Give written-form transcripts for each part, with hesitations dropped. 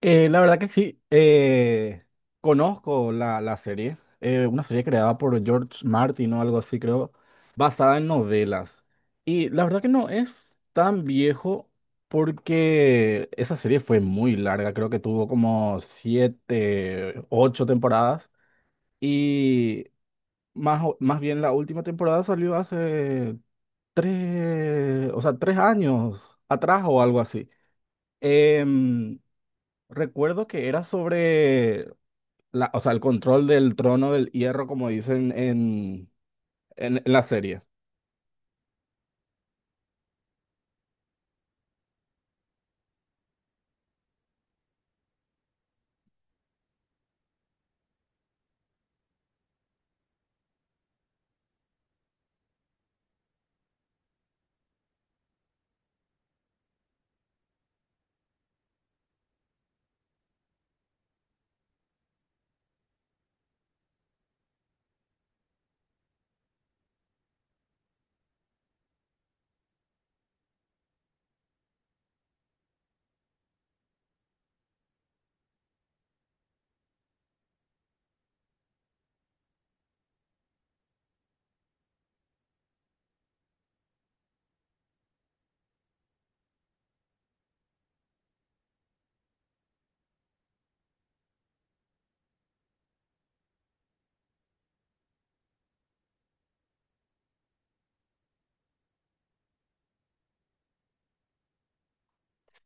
La verdad que sí, conozco la serie, una serie creada por George Martin o algo así, creo, basada en novelas. Y la verdad que no es tan viejo porque esa serie fue muy larga, creo que tuvo como siete, ocho temporadas y más, más bien la última temporada salió hace tres, o sea, 3 años atrás o algo así. Em, Recuerdo que era sobre o sea, el control del trono del hierro, como dicen en la serie.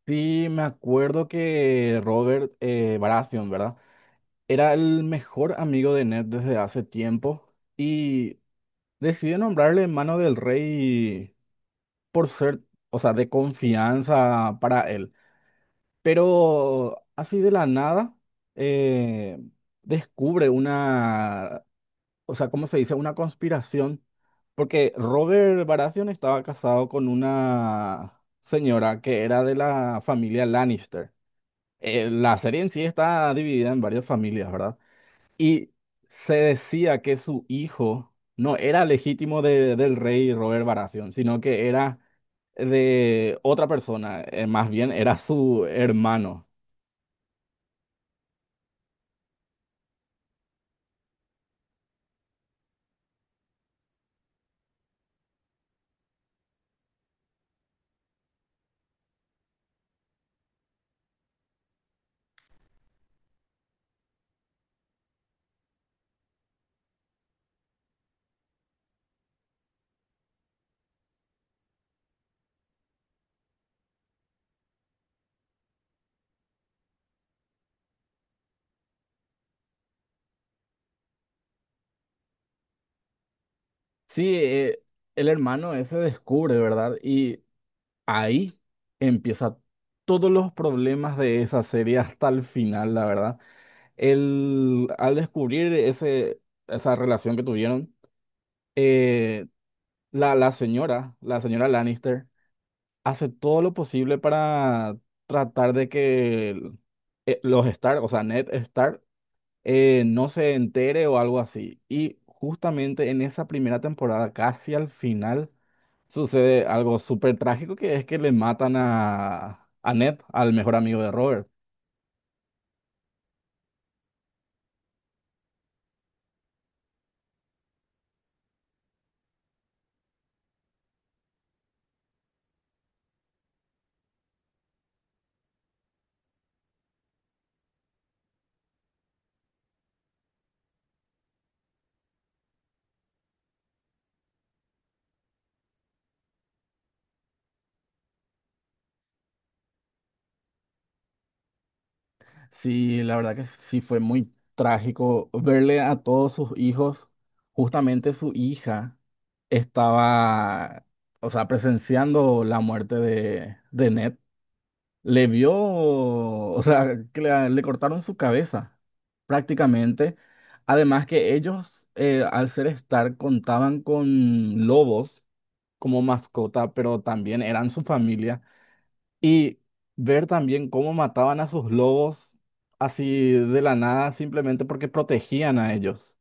Sí, me acuerdo que Robert Baratheon, ¿verdad? Era el mejor amigo de Ned desde hace tiempo y decide nombrarle mano del rey por ser, o sea, de confianza para él. Pero así de la nada, eh, descubre una o sea, ¿cómo se dice? Una conspiración, porque Robert Baratheon estaba casado con una señora que era de la familia Lannister. La serie en sí está dividida en varias familias, ¿verdad? Y se decía que su hijo no era legítimo del rey Robert Baratheon, sino que era de otra persona, más bien era su hermano. Sí, el hermano ese descubre, ¿verdad? Y ahí empieza todos los problemas de esa serie hasta el final, la verdad. El, al descubrir ese, esa relación que tuvieron, eh, la señora Lannister, hace todo lo posible para tratar de que los Stark, o sea, Ned Stark, no se entere o algo así. Y justamente en esa primera temporada, casi al final sucede algo súper trágico que es que le matan a Ned, al mejor amigo de Robert. Sí, la verdad que sí fue muy trágico verle a todos sus hijos, justamente su hija estaba, o sea, presenciando la muerte de Ned. Le vio, o sea, que le cortaron su cabeza prácticamente. Además que ellos, al ser Stark, contaban con lobos como mascota, pero también eran su familia. Y ver también cómo mataban a sus lobos así de la nada, simplemente porque protegían a ellos.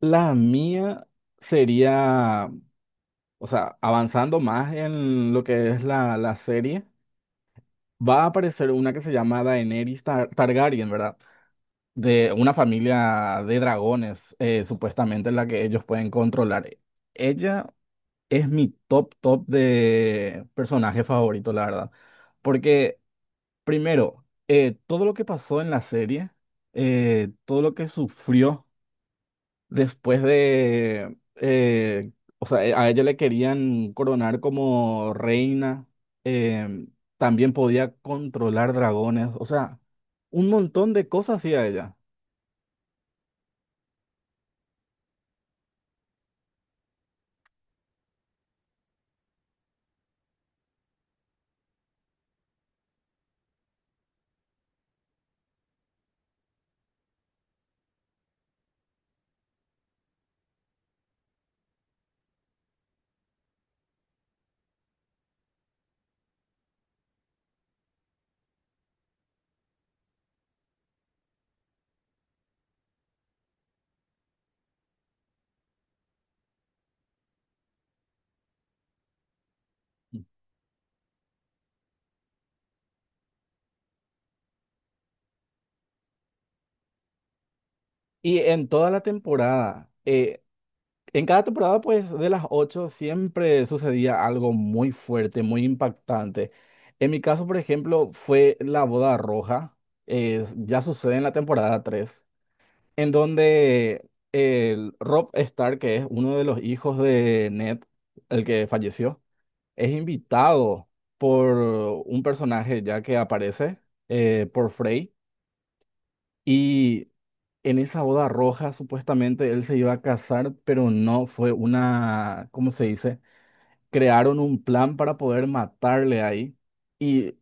La mía sería, o sea, avanzando más en lo que es la serie. Va a aparecer una que se llama Daenerys Targaryen, ¿verdad? De una familia de dragones, supuestamente en la que ellos pueden controlar. Ella es mi top, top de personaje favorito, la verdad. Porque, primero, todo lo que pasó en la serie, todo lo que sufrió después de, o sea, a ella le querían coronar como reina, eh, también podía controlar dragones, o sea, un montón de cosas hacía ella. Y en toda la temporada, en cada temporada, pues de las ocho, siempre sucedía algo muy fuerte, muy impactante. En mi caso, por ejemplo, fue la boda roja, ya sucede en la temporada 3 en donde el Rob Stark, que es uno de los hijos de Ned, el que falleció, es invitado por un personaje ya que aparece, por Frey, y en esa boda roja supuestamente él se iba a casar, pero no fue una, ¿cómo se dice? Crearon un plan para poder matarle ahí y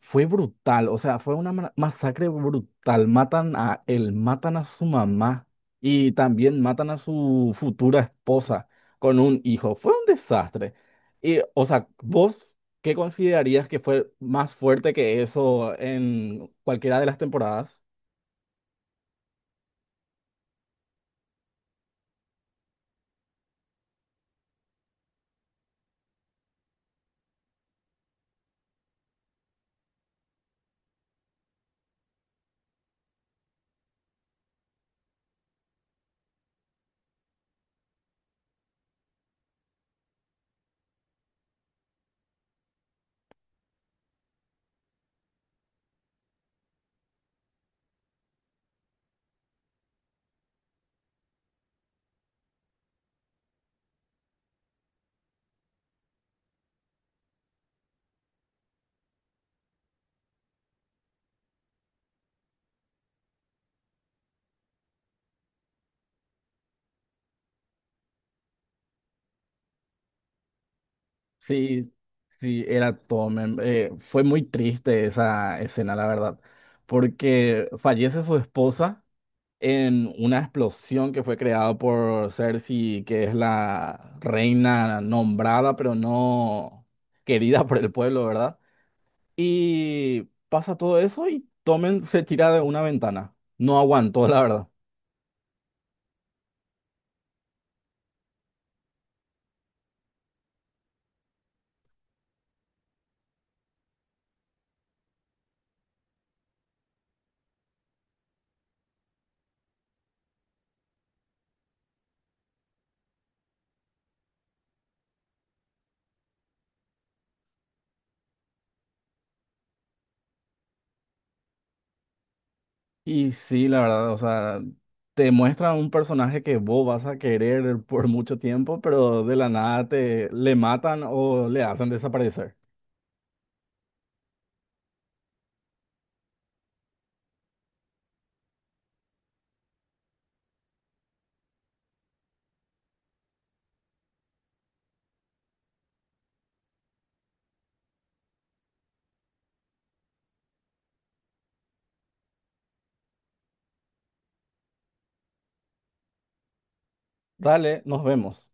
fue brutal, o sea, fue una masacre brutal. Matan a él, matan a su mamá y también matan a su futura esposa con un hijo. Fue un desastre. Y, o sea, ¿vos qué considerarías que fue más fuerte que eso en cualquiera de las temporadas? Sí, sí, era Tommen. Fue muy triste esa escena, la verdad, porque fallece su esposa en una explosión que fue creada por Cersei, que es la reina nombrada, pero no querida por el pueblo, ¿verdad? Y pasa todo eso y Tommen se tira de una ventana. No aguantó, la verdad. Y sí, la verdad, o sea, te muestran un personaje que vos vas a querer por mucho tiempo, pero de la nada te le matan o le hacen desaparecer. Dale, nos vemos.